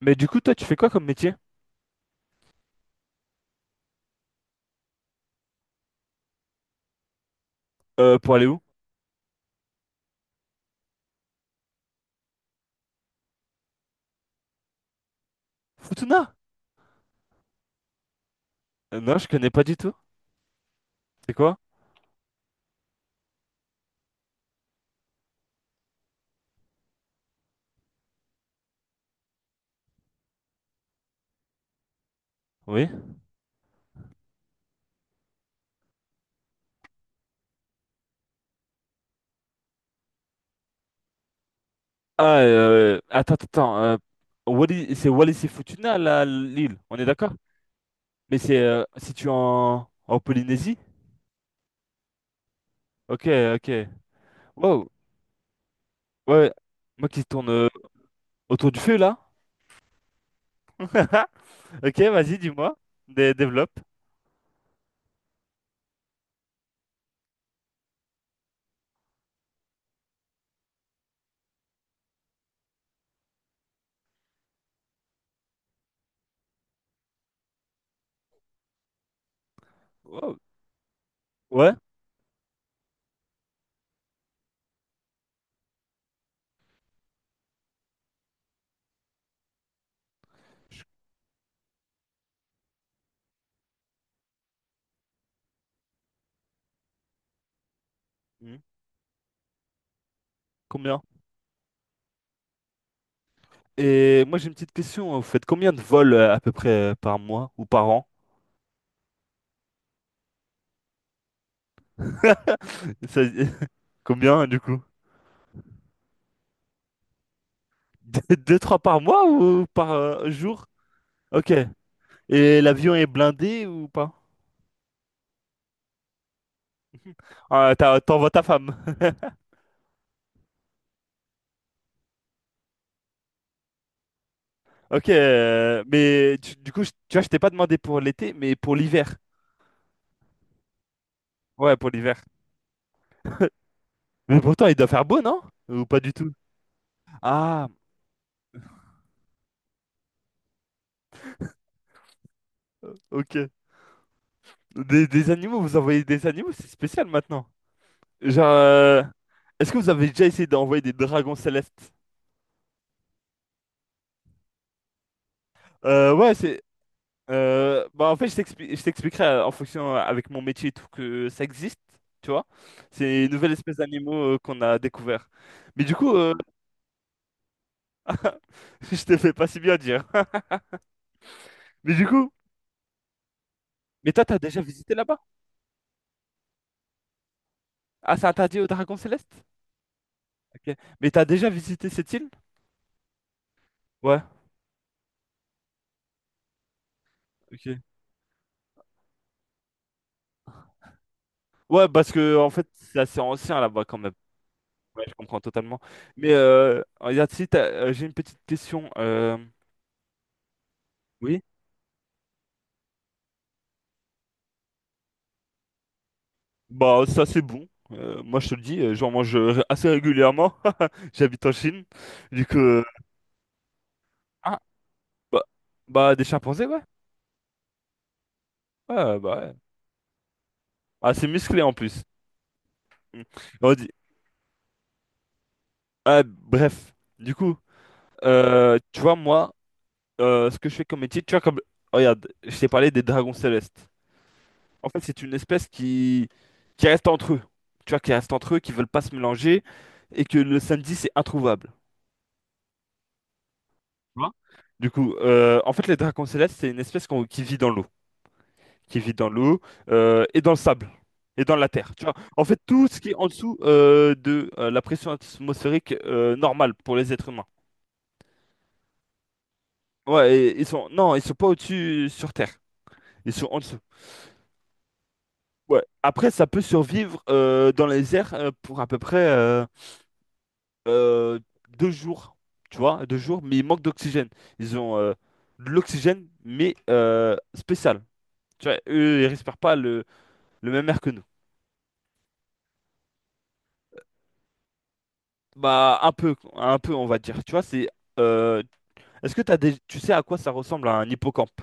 Mais du coup, toi, tu fais quoi comme métier? Pour aller où? Futuna? Non, je connais pas du tout. C'est quoi? Oui. Ah, attends, attends, attends, c'est Wallis et Futuna, là, l'île. On est d'accord? Mais c'est situé en Polynésie? Ok, ok. Wow. Ouais. Moi qui tourne autour du feu, là. Ok, vas-y, dis-moi. Développe. Wow. Ouais. Je- hmm, Combien? Et moi, j'ai une petite question. Hein. Vous faites combien de vols à peu près par mois ou par an? Ça- Combien, du coup? Deux, trois par mois ou par jour? Ok. Et l'avion est blindé ou pas? Ah, t'envoies ta femme. Ok. Mais du coup, tu vois, je t'ai pas demandé pour l'été, mais pour l'hiver. Ouais, pour l'hiver. Mais pourtant, il doit faire beau, non? Ou pas du tout? Ah, ok. Des animaux, vous envoyez des animaux, c'est spécial maintenant. Genre, est-ce que vous avez déjà essayé d'envoyer des dragons célestes? Ouais, c'est. Bah en fait, je t'expliquerai en fonction avec mon métier et tout que ça existe, tu vois. C'est une nouvelle espèce d'animaux qu'on a découvert. Mais du coup, je te fais pas si bien dire. Mais du coup, mais toi, t'as déjà visité là-bas? Ah, c'est interdit au Dragon Céleste? Ok. Mais t'as déjà visité cette île? Ouais. Ok. Ouais, parce que en fait, c'est assez ancien là-bas quand même. Ouais, je comprends totalement. Mais regarde, si t'as- j'ai une petite question. Oui? Bah, ça c'est bon. Moi je te le dis, j'en mange assez régulièrement. J'habite en Chine. Du coup, Ah, bah, bah, des chimpanzés, ouais. Ouais, bah ouais. Assez musclé en plus. Mm. On dit, ah, bref, du coup, tu vois, moi, ce que je fais comme métier, tu vois, comme. Regarde, je t'ai parlé des dragons célestes. En fait, c'est une espèce qui reste entre eux. Tu vois, qui reste entre eux, qui veulent pas se mélanger, et que le samedi, c'est introuvable. Tu vois. Du coup, en fait, les dragons célestes, c'est une espèce qui vit dans l'eau, qui vit dans l'eau et dans le sable et dans la terre. Tu vois, en fait, tout ce qui est en dessous de la pression atmosphérique normale pour les êtres humains. Ouais, ils sont non, ils sont pas au-dessus sur Terre, ils sont en dessous. Ouais. Après, ça peut survivre dans les airs pour à peu près euh, 2 jours, tu vois, 2 jours, mais ils manquent d'oxygène. Ils ont de l'oxygène, mais spécial. Tu vois, eux, ils respirent pas le même air que nous. Bah, un peu, on va dire. Tu vois, c'est. euh, Est-ce que t'as des... Tu sais à quoi ça ressemble un hippocampe?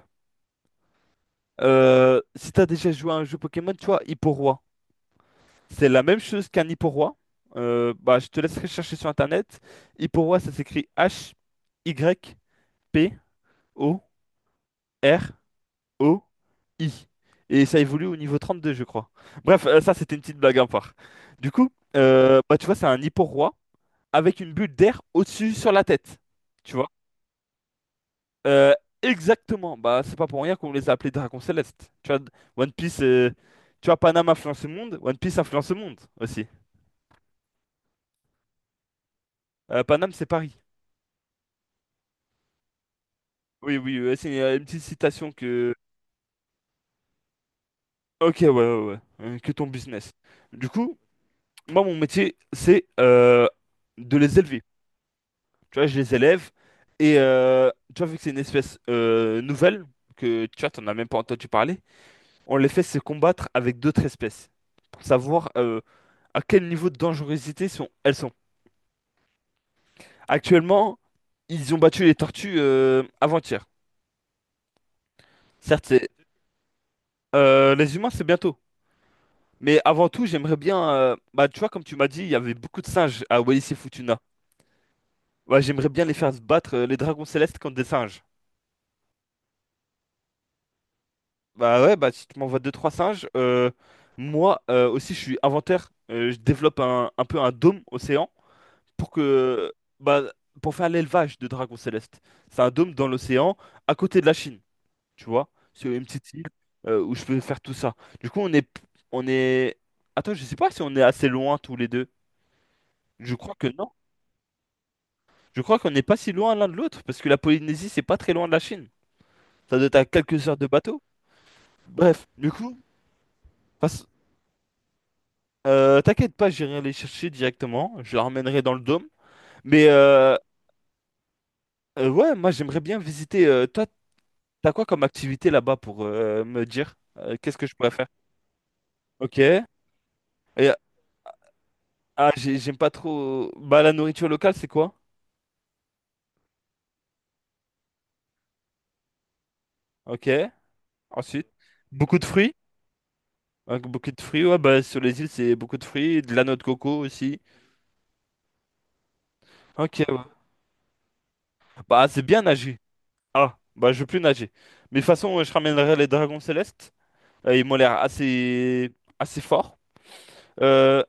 Si t'as déjà joué à un jeu Pokémon, tu vois, Hipporoi. C'est la même chose qu'un Hipporoi. Bah, je te laisserai chercher sur Internet. Hipporoi, ça s'écrit Hyporoi. Et ça évolue au niveau 32 je crois. Bref, ça, c'était une petite blague à part. Du coup, bah, tu vois, c'est un Hipporoi avec une bulle d'air au-dessus sur la tête. Tu vois. Euh, Exactement. Bah, c'est pas pour rien qu'on les a appelés Dragons Célestes. Tu vois, One Piece, tu vois, Paname influence le monde, One Piece influence le monde aussi. Paname, c'est Paris. Oui, oui, c'est une petite citation que. Ok, ouais, ouais, ouais. Que ton business. Du coup, moi, mon métier, c'est de les élever. Tu vois, je les élève. Et tu vois, vu que c'est une espèce nouvelle, que tu vois, t'en as même pas entendu parler. On les fait se combattre avec d'autres espèces pour savoir à quel niveau de dangerosité elles sont. Actuellement, ils ont battu les tortues avant-hier. Certes, Les humains, c'est bientôt. Mais avant tout, j'aimerais bien, bah, tu vois, comme tu m'as dit, il y avait beaucoup de singes à Wallis et Futuna. Ouais, j'aimerais bien les faire se battre, les dragons célestes contre des singes. Bah ouais, bah si tu m'envoies deux trois singes, moi aussi je suis inventaire, je développe un peu un dôme océan pour que bah, pour faire l'élevage de dragons célestes. C'est un dôme dans l'océan à côté de la Chine, tu vois, sur une petite île où je peux faire tout ça. Du coup, on est Attends, je sais pas si on est assez loin tous les deux. Je crois que non. Je crois qu'on n'est pas si loin l'un de l'autre parce que la Polynésie, c'est pas très loin de la Chine. Ça doit être à quelques heures de bateau. Bref, du coup, passe- t'inquiète pas, j'irai les chercher directement. Je les ramènerai dans le dôme. Mais ouais, moi j'aimerais bien visiter. Toi, t'as quoi comme activité là-bas pour me dire qu'est-ce que je pourrais faire? Ok. Et, ah, j'aime pas trop. Bah, la nourriture locale, c'est quoi? Ok. Ensuite, beaucoup de fruits. Ouais, beaucoup de fruits, ouais, bah, sur les îles, c'est beaucoup de fruits, de la noix de coco aussi. Ok, ouais. Bah, c'est bien nager. Ah, bah, je veux plus nager. Mais de toute façon, je ramènerai les dragons célestes. Ils m'ont l'air assez, assez forts. Euh,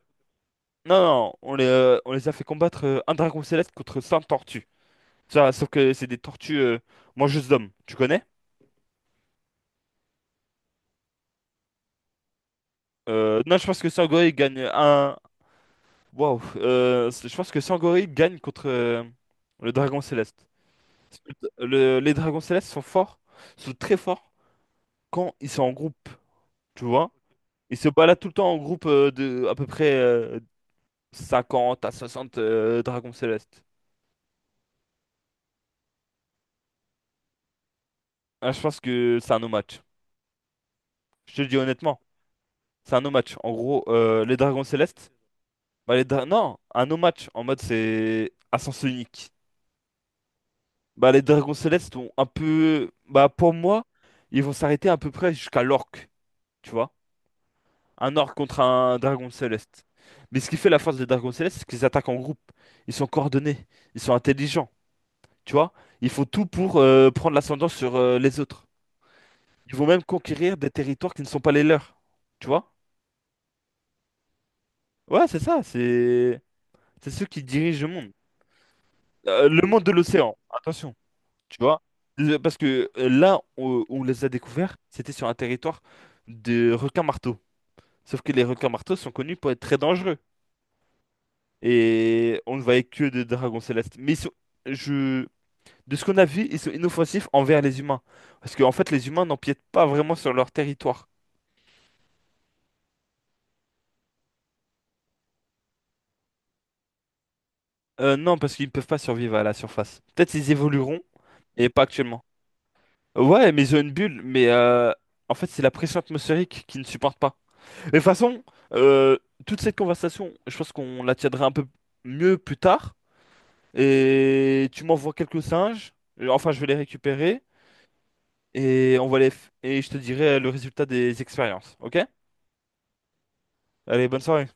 non, non, on les a fait combattre un dragon céleste contre 100 tortues. Ça, sauf que c'est des tortues mangeuses d'hommes, tu connais? Non, je pense que Sangoril gagne un. Waouh! Je pense que Sangoril gagne contre le dragon céleste. Parce que les dragons célestes sont forts, sont très forts quand ils sont en groupe, tu vois? Ils se baladent tout le temps en groupe de à peu près 50 à 60 dragons célestes. Ah, je pense que c'est un no match. Je te le dis honnêtement, c'est un no match. En gros, les dragons célestes. Bah, non, un no match en mode c'est à sens unique. Bah, les dragons célestes ont un peu. Bah, pour moi, ils vont s'arrêter à peu près jusqu'à l'orque, tu vois. Un orque contre un dragon céleste. Mais ce qui fait la force des dragons célestes, c'est qu'ils attaquent en groupe. Ils sont coordonnés. Ils sont intelligents, tu vois. Ils font tout pour prendre l'ascendant sur les autres. Ils vont même conquérir des territoires qui ne sont pas les leurs, tu vois. Ouais, c'est ça. C'est ceux qui dirigent le monde. Le monde de l'océan. Attention. Tu vois? Parce que là où on les a découverts, c'était sur un territoire de requins-marteaux. Sauf que les requins-marteaux sont connus pour être très dangereux. Et on ne voyait que des dragons célestes. Mais je, de ce qu'on a vu, ils sont inoffensifs envers les humains. Parce qu'en fait, les humains n'empiètent pas vraiment sur leur territoire. Non, parce qu'ils ne peuvent pas survivre à la surface. Peut-être ils évolueront, mais pas actuellement. Ouais, mais ils ont une bulle. Mais en fait, c'est la pression atmosphérique qui ne supporte pas. Mais de toute façon, euh, toute cette conversation, je pense qu'on la tiendra un peu mieux plus tard. Et tu m'envoies quelques singes. Enfin, je vais les récupérer. Et on va les f- et je te dirai le résultat des expériences. Ok? Allez, bonne soirée.